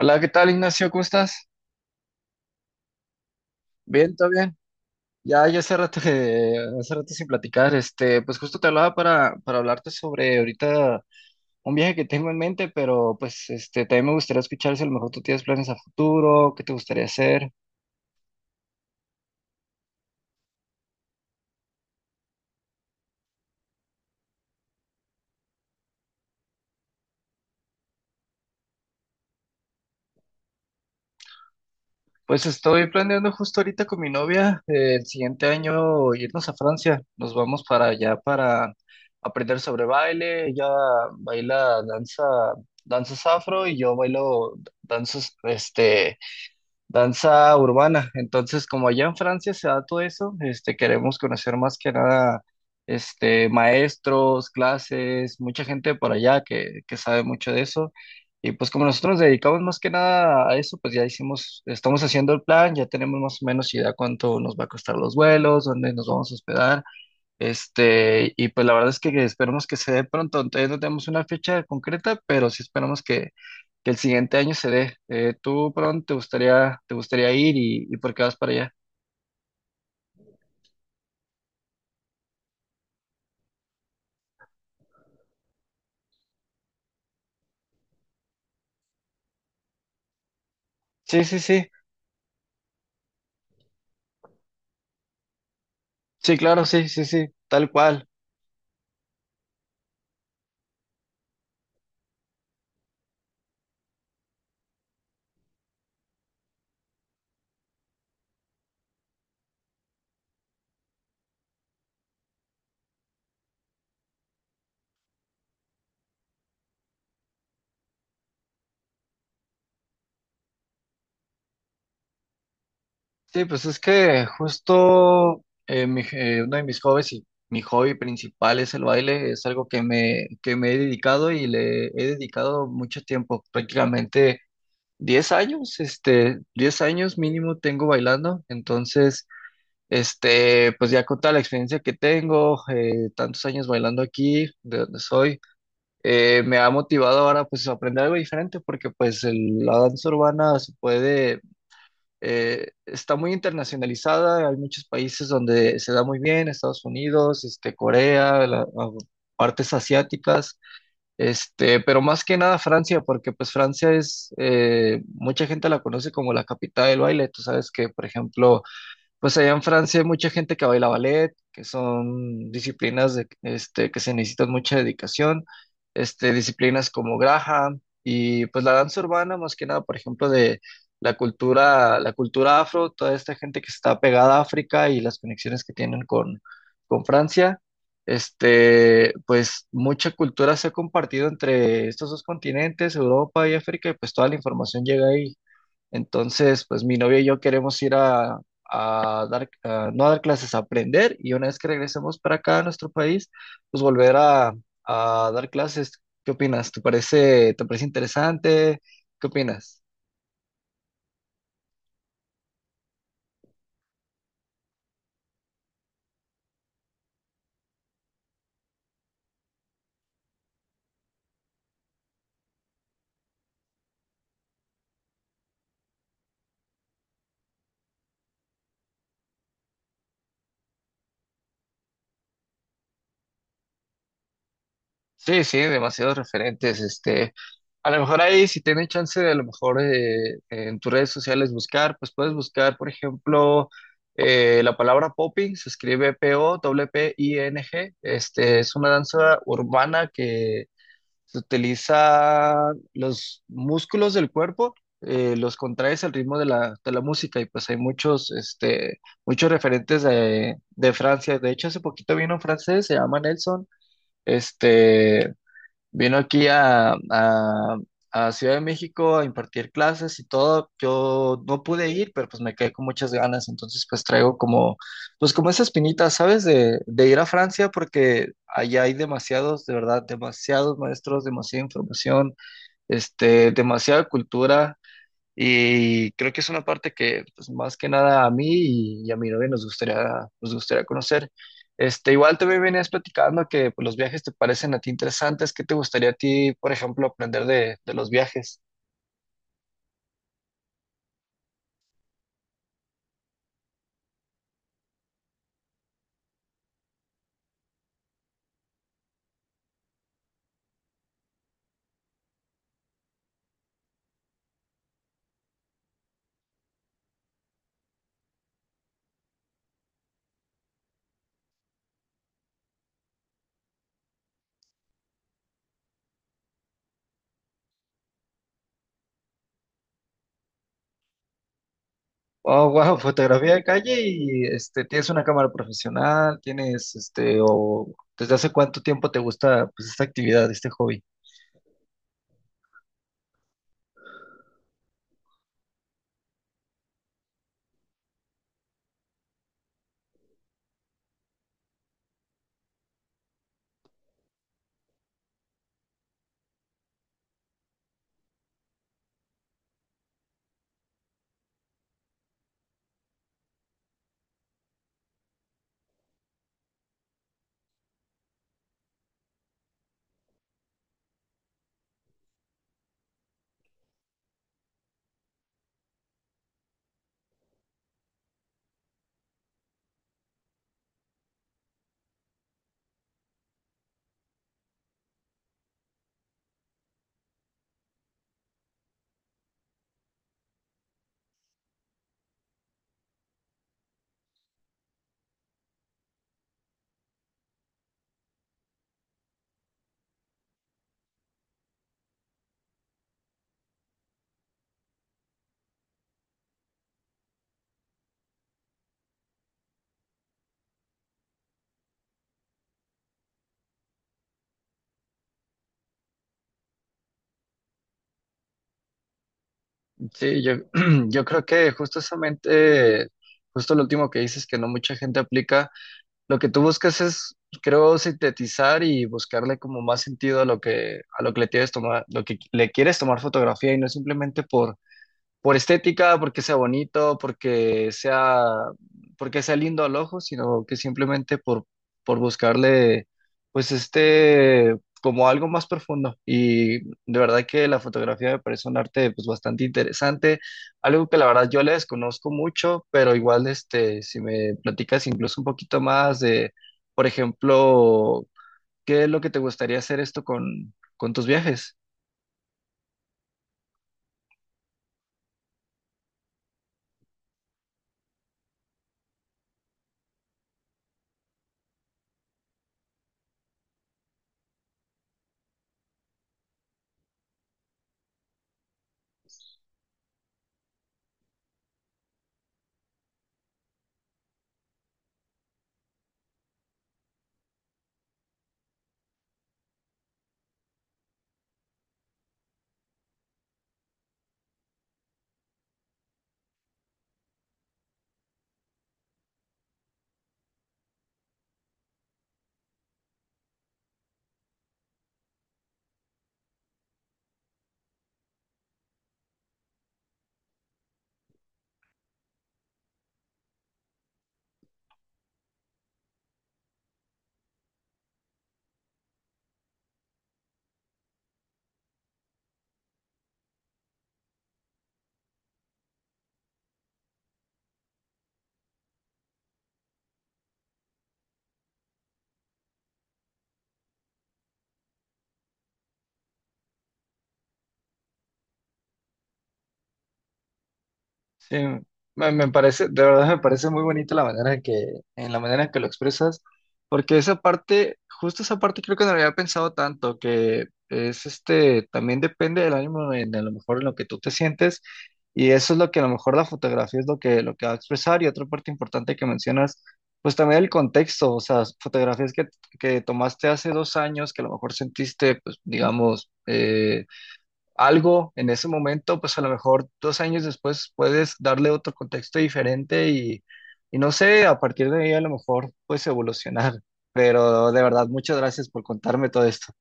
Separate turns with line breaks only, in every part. Hola, ¿qué tal, Ignacio? ¿Cómo estás? Bien, todo bien. Ya, ya hace rato, hace rato sin platicar. Pues justo te hablaba para hablarte sobre ahorita un viaje que tengo en mente, pero pues también me gustaría escuchar si a lo mejor tú tienes planes a futuro, qué te gustaría hacer. Pues estoy planeando justo ahorita con mi novia, el siguiente año irnos a Francia. Nos vamos para allá para aprender sobre baile. Ella baila danza, danzas afro y yo bailo danzas, danza urbana. Entonces, como allá en Francia se da todo eso, queremos conocer más que nada, maestros, clases, mucha gente por allá que sabe mucho de eso. Y pues como nosotros nos dedicamos más que nada a eso, pues ya hicimos, estamos haciendo el plan, ya tenemos más o menos idea cuánto nos va a costar los vuelos, dónde nos vamos a hospedar. Y pues la verdad es que esperamos que se dé pronto. Todavía no tenemos una fecha concreta, pero sí esperamos que el siguiente año se dé. ¿Tú por dónde te gustaría ir y por qué vas para allá? Sí, sí, sí. Sí, claro, sí, sí, sí, tal cual. Sí, pues es que justo uno de mis hobbies y mi hobby principal es el baile. Es algo que me he dedicado y le he dedicado mucho tiempo. Prácticamente, 10 años, 10 años mínimo tengo bailando, entonces, pues ya con toda la experiencia que tengo, tantos años bailando aquí, de donde soy, me ha motivado ahora pues a aprender algo diferente, porque pues la danza urbana se puede, está muy internacionalizada, hay muchos países donde se da muy bien, Estados Unidos, Corea, partes asiáticas, pero más que nada Francia, porque pues Francia es, mucha gente la conoce como la capital del baile. Tú sabes que, por ejemplo, pues allá en Francia hay mucha gente que baila ballet, que son disciplinas de, que se necesitan mucha dedicación, disciplinas como Graham y pues la danza urbana, más que nada, por ejemplo, de la cultura afro, toda esta gente que está pegada a África y las conexiones que tienen con, Francia, pues mucha cultura se ha compartido entre estos dos continentes, Europa y África, y pues toda la información llega ahí. Entonces, pues mi novia y yo queremos ir a dar, no a dar clases, a aprender y una vez que regresemos para acá a nuestro país, pues volver a dar clases. ¿Qué opinas? ¿Te parece interesante? ¿Qué opinas? Sí, sí, demasiados referentes. A lo mejor ahí, si tienes chance de a lo mejor en tus redes sociales buscar, pues puedes buscar, por ejemplo, la palabra popping, se escribe Poping, es una danza urbana que se utiliza los músculos del cuerpo, los contraes al ritmo de la música y pues hay muchos referentes de Francia. De hecho, hace poquito vino un francés, se llama Nelson, este, vino aquí a Ciudad de México a impartir clases y todo. Yo no pude ir, pero pues me quedé con muchas ganas. Entonces pues traigo como, pues como esa espinita, ¿sabes? De ir a Francia porque allá hay demasiados, de verdad, demasiados maestros, demasiada información, demasiada cultura. Y creo que es una parte que, pues, más que nada a mí y a mi novia nos gustaría conocer. Igual te venías platicando que pues, los viajes te parecen a ti interesantes. ¿Qué te gustaría a ti, por ejemplo, aprender de los viajes? Oh, wow, fotografía de calle y tienes una cámara profesional, tienes o desde hace cuánto tiempo te gusta pues, esta actividad, este hobby. Sí, yo, yo creo que justamente, justo lo último que dices, que no mucha gente aplica, lo que tú buscas es, creo, sintetizar y buscarle como más sentido a lo que le tienes tomar, lo que le quieres tomar fotografía y no simplemente por estética, porque sea bonito, porque sea lindo al ojo, sino que simplemente por buscarle, pues como algo más profundo. Y de verdad que la fotografía me parece un arte, pues bastante interesante, algo que la verdad yo le desconozco mucho, pero igual, si me platicas incluso un poquito más de, por ejemplo, ¿qué es lo que te gustaría hacer esto con, tus viajes? Sí, me parece, de verdad me parece muy bonita la manera en que, en la manera en que lo expresas, porque esa parte, justo esa parte creo que no la había pensado tanto, que es también depende del ánimo en, a lo mejor en lo que tú te sientes, y eso es lo que a lo mejor la fotografía es lo que va a expresar, y otra parte importante que mencionas, pues también el contexto, o sea, fotografías que tomaste hace 2 años, que a lo mejor sentiste, pues digamos, algo en ese momento, pues a lo mejor 2 años después puedes darle otro contexto diferente y no sé, a partir de ahí a lo mejor puedes evolucionar. Pero de verdad, muchas gracias por contarme todo esto.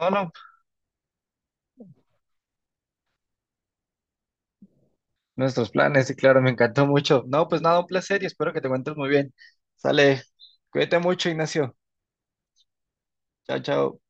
No, no, nuestros planes, y claro, me encantó mucho. No, pues nada, un placer y espero que te encuentres muy bien. Sale, cuídate mucho, Ignacio. Chao, chao.